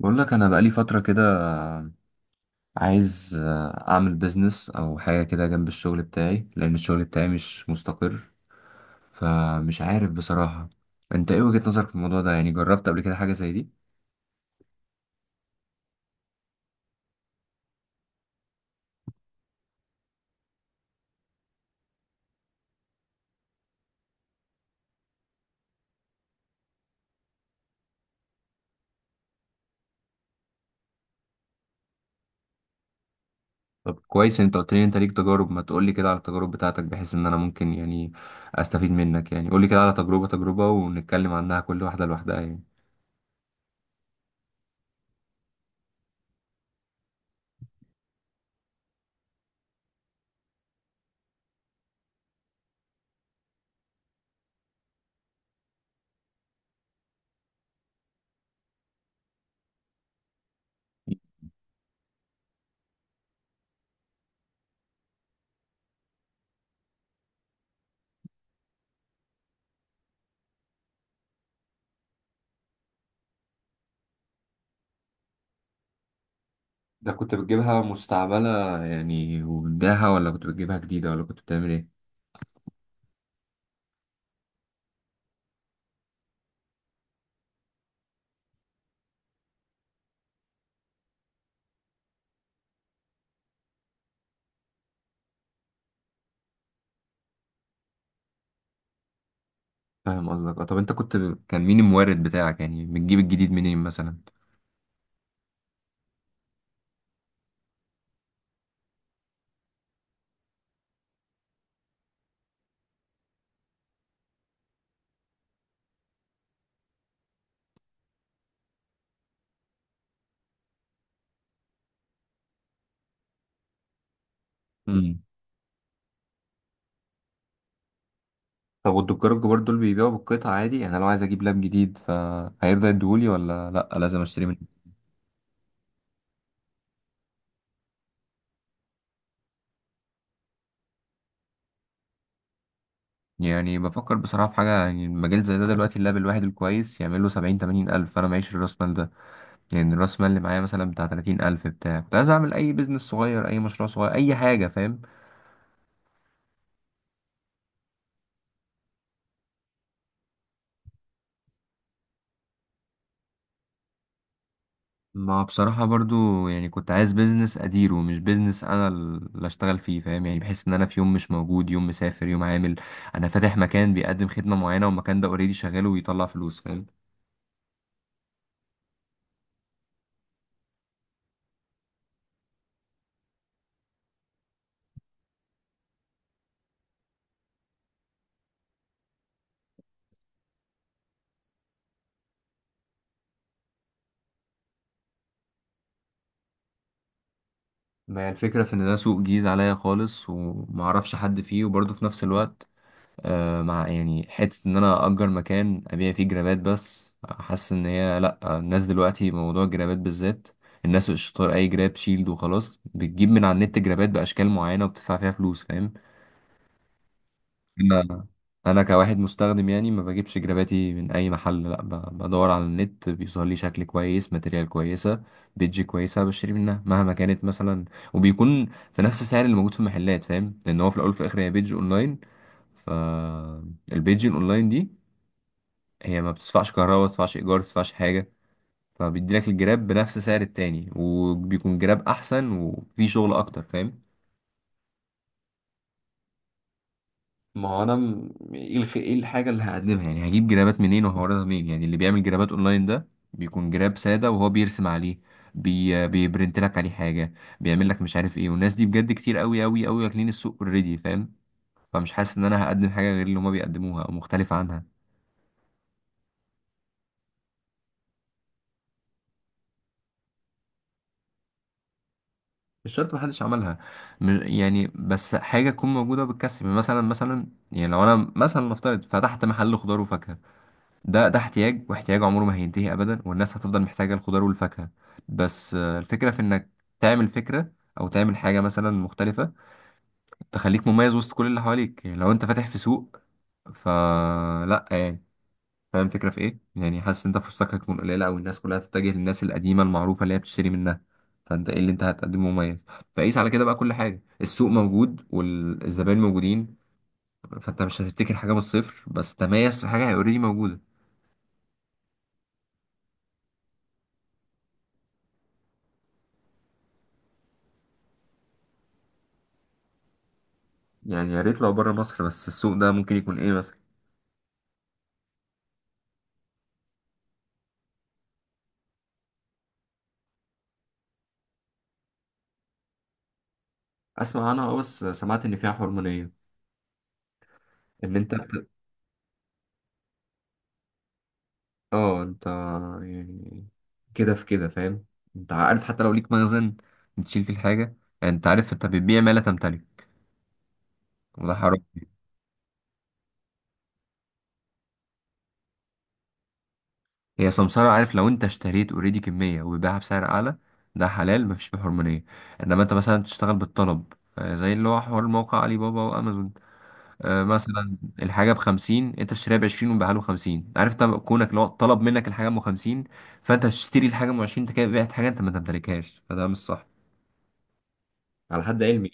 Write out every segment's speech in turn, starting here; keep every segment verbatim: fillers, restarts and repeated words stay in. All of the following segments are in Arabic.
بقول لك انا بقالي فتره كده عايز اعمل بيزنس او حاجه كده جنب الشغل بتاعي لان الشغل بتاعي مش مستقر. فمش عارف بصراحه، انت ايه وجهه نظرك في الموضوع ده؟ يعني جربت قبل كده حاجه زي دي؟ طب كويس إن انت قلت لي إن انت ليك تجارب. ما تقول لي كده على التجارب بتاعتك بحيث ان انا ممكن يعني استفيد منك. يعني قول لي كده على تجربه تجربه ونتكلم عنها كل واحده لوحدها يعني. ده كنت بتجيبها مستعمله يعني وبتبيعها، ولا كنت بتجيبها جديده، ولا كنت بتعمل ايه؟ فاهم قصدك آه، طب انت كنت ب... كان مين المورد بتاعك؟ يعني بتجيب الجديد منين مثلا؟ امم طب والدكار الكبار دول بيبيعوا بالقطع عادي؟ يعني لو عايز اجيب لاب جديد فهيرضى يديهولي ولا لا لازم اشتري منه؟ يعني بفكر بصراحة في حاجة، يعني المجال زي ده دلوقتي اللاب الواحد الكويس يعمل له سبعين تمانين ألف، أنا معيش الراس مال ده. يعني الراس مال اللي معايا مثلا بتاع تلاتين ألف بتاع، كنت عايز أعمل أي بيزنس صغير، أي مشروع صغير، أي حاجة، فاهم؟ ما بصراحة برضو يعني كنت عايز بيزنس أديره، مش بيزنس أنا اللي أشتغل فيه، فاهم؟ يعني بحس إن أنا في يوم مش موجود، يوم مسافر، يوم عامل. أنا فاتح مكان بيقدم خدمة معينة والمكان ده أوريدي شغال وبيطلع فلوس، فاهم؟ ما هي الفكرة في إن ده سوق جديد عليا خالص ومعرفش حد فيه، وبرضو في نفس الوقت آه، مع يعني حتة إن أنا أجر مكان أبيع فيه جرابات، بس حاسس إن هي لأ، الناس دلوقتي موضوع الجرابات بالذات الناس مش طار أي جراب شيلد وخلاص، بتجيب من على النت جرابات بأشكال معينة وبتدفع فيها فلوس، فاهم؟ انا انا كواحد مستخدم يعني ما بجيبش جراباتي من اي محل، لا ب- بدور على النت، بيظهر لي شكل كويس، ماتريال كويسه، بيدج كويسه، بشتري منها مهما كانت مثلا، وبيكون في نفس السعر اللي موجود في المحلات، فاهم؟ لان هو في الاول وفي الاخر هي بيدج اونلاين، فالبيدج الاونلاين دي هي ما بتدفعش كهرباء، ما بتدفعش ايجار، ما بتدفعش حاجه. فبيدي لك الجراب بنفس سعر التاني وبيكون جراب احسن وفيه شغل اكتر، فاهم؟ ما هو انا م- ايه الخ... ايه الحاجه اللي هقدمها؟ يعني هجيب جرابات منين وهوردها منين؟ يعني اللي بيعمل جرابات اونلاين ده بيكون جراب ساده وهو بيرسم عليه، بي... بيبرنت لك عليه حاجه، بيعمل لك مش عارف ايه. والناس دي بجد كتير قوي قوي قوي، واكلين السوق اوريدي، فاهم؟ فمش حاسس ان انا هقدم حاجه غير اللي هما بيقدموها او مختلفه عنها. مش شرط محدش عملها، م- يعني بس حاجه تكون موجوده بتكسب، يعني مثلا مثلا يعني لو انا مثلا نفترض فتحت محل خضار وفاكهه، ده ده احتياج، واحتياج عمره ما هينتهي ابدا، والناس هتفضل محتاجه الخضار والفاكهه. بس آه، الفكره في انك تعمل فكره او تعمل حاجه مثلا مختلفه تخليك مميز وسط كل اللي حواليك. يعني لو انت فاتح في سوق فلا يعني، فاهم الفكره في ايه؟ يعني حاسس انت فرصتك هتكون قليله، او الناس كلها تتجه للناس القديمه المعروفه اللي هي بتشتري منها، فانت ايه اللي انت هتقدمه مميز؟ فقيس على كده بقى، كل حاجه السوق موجود والزبائن موجودين، فانت مش هتبتكر حاجه من الصفر بس تميز في حاجه هي اوريدي موجوده. يعني يا ريت لو بره مصر، بس السوق ده ممكن يكون ايه مثلا؟ اسمع عنها اه، بس سمعت ان فيها حرمانية، ان انت بت... اه، انت يعني كده في كده، فاهم؟ انت عارف حتى لو ليك مخزن بتشيل فيه الحاجة، يعني انت عارف انت بتبيع ما لا تمتلك، وده حرام. هي سمسارة، عارف لو انت اشتريت اوريدي كمية وبيبيعها بسعر اعلى، ده حلال مفيش فيه حرمانية. انما انت مثلا تشتغل بالطلب آه، زي اللي هو حوار موقع علي بابا وامازون، آه، مثلا الحاجة بخمسين انت تشتريها بعشرين وتبيعها له خمسين، عارف؟ طب كونك لو طلب منك الحاجة ام خمسين، فانت تشتري الحاجة ام عشرين، انت كده بعت حاجة انت ما تمتلكهاش، فده مش صح على حد علمي.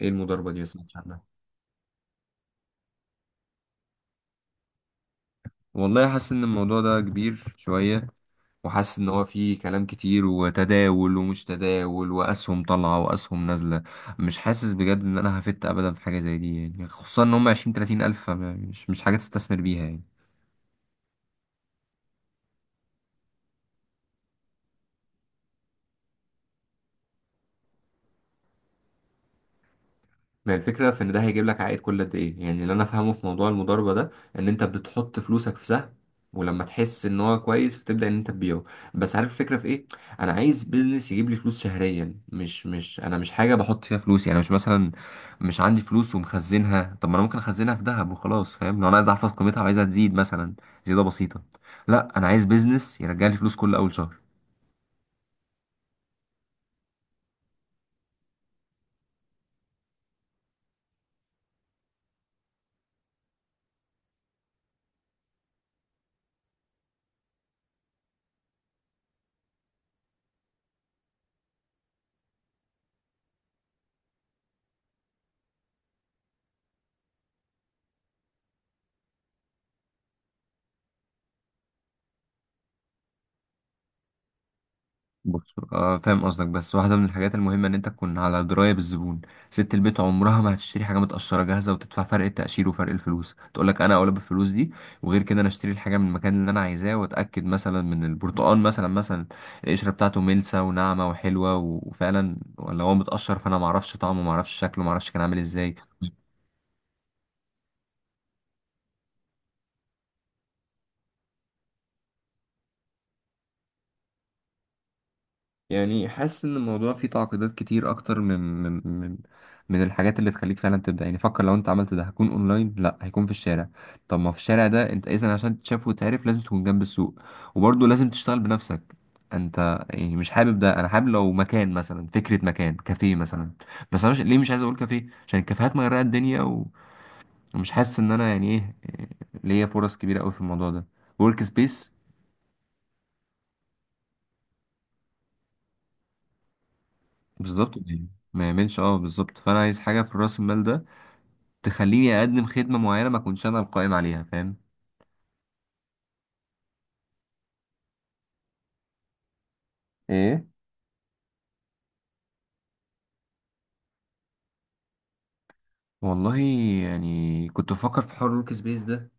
ايه المضاربة دي؟ بس ما سمعتش عنها. والله حاسس ان الموضوع ده كبير شوية، وحاسس ان هو فيه كلام كتير وتداول ومش تداول واسهم طالعة واسهم نازلة. مش حاسس بجد ان انا هفت ابدا في حاجة زي دي، يعني خصوصا ان هم عشرين تلاتين الف، فم- مش مش حاجة تستثمر بيها يعني. ما الفكرة في إن ده هيجيب لك عائد كل قد إيه؟ يعني اللي أنا فاهمه في موضوع المضاربة ده إن أنت بتحط فلوسك في سهم، ولما تحس إن هو كويس فتبدأ إن أنت تبيعه. بس عارف الفكرة في إيه؟ أنا عايز بيزنس يجيب لي فلوس شهريا، مش مش أنا مش حاجة بحط فيها فلوس، يعني مش مثلا مش عندي فلوس ومخزنها، طب ما أنا ممكن أخزنها في ذهب وخلاص، فاهم؟ لو أنا عايز أحفظ قيمتها وعايزها تزيد مثلا زيادة بسيطة. لا أنا عايز بيزنس يرجع لي فلوس كل أول شهر. بص آه، فاهم قصدك، بس واحدة من الحاجات المهمة إن أنت تكون على دراية بالزبون. ست البيت عمرها ما هتشتري حاجة متقشرة جاهزة وتدفع فرق التقشير وفرق الفلوس، تقولك أنا أولى بالفلوس دي. وغير كده أنا أشتري الحاجة من المكان اللي أنا عايزاه وأتأكد مثلا من البرتقال، مثلا مثلا القشرة بتاعته ملسة وناعمة وحلوة وفعلا، ولا هو متقشر فأنا معرفش طعمه، معرفش شكله، معرفش كان عامل إزاي. يعني حاسس ان الموضوع فيه تعقيدات كتير اكتر من من من من الحاجات اللي تخليك فعلا تبدا. يعني فكر لو انت عملت ده هكون اونلاين، لا هيكون في الشارع، طب ما في الشارع ده انت اذا عشان تتشاف وتعرف لازم تكون جنب السوق، وبرضه لازم تشتغل بنفسك انت، يعني مش حابب ده. انا حابب لو مكان مثلا، فكره مكان كافيه مثلا، بس انا مش ليه، مش عايز اقول كافيه عشان الكافيهات مغرقه الدنيا و- ومش حاسس ان انا يعني ايه، ليا فرص كبيره قوي في الموضوع ده. ورك سبيس. بالظبط يعني ما يعملش اه، بالظبط، فانا عايز حاجه في راس المال ده تخليني اقدم خدمه معينه ما اكونش انا القائم عليها، فاهم؟ ايه؟ والله يعني كنت بفكر في حوار الورك سبيس ده،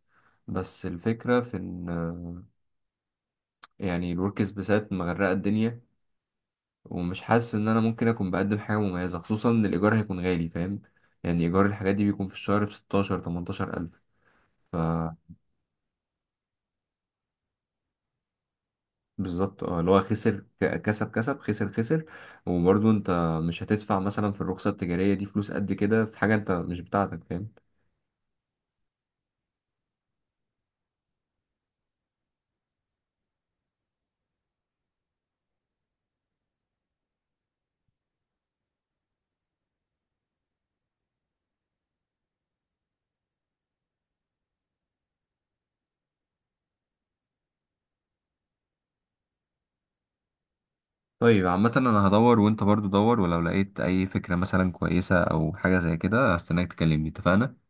بس الفكره في ان يعني الورك سبيسات مغرقه الدنيا، ومش حاسس ان انا ممكن اكون بقدم حاجه مميزه، خصوصا ان الايجار هيكون غالي، فاهم؟ يعني ايجار الحاجات دي بيكون في الشهر ب ستاشر تمنتاشر الف، ف بالظبط اه، اللي هو خسر ك- كسب كسب خسر خسر. وبرضه انت مش هتدفع مثلا في الرخصه التجاريه دي فلوس قد كده في حاجه انت مش بتاعتك، فاهم؟ طيب عامة انا هدور وانت برضو دور، ولو لقيت اي فكرة مثلا كويسة او حاجة زي كده هستناك تكلمني، اتفقنا؟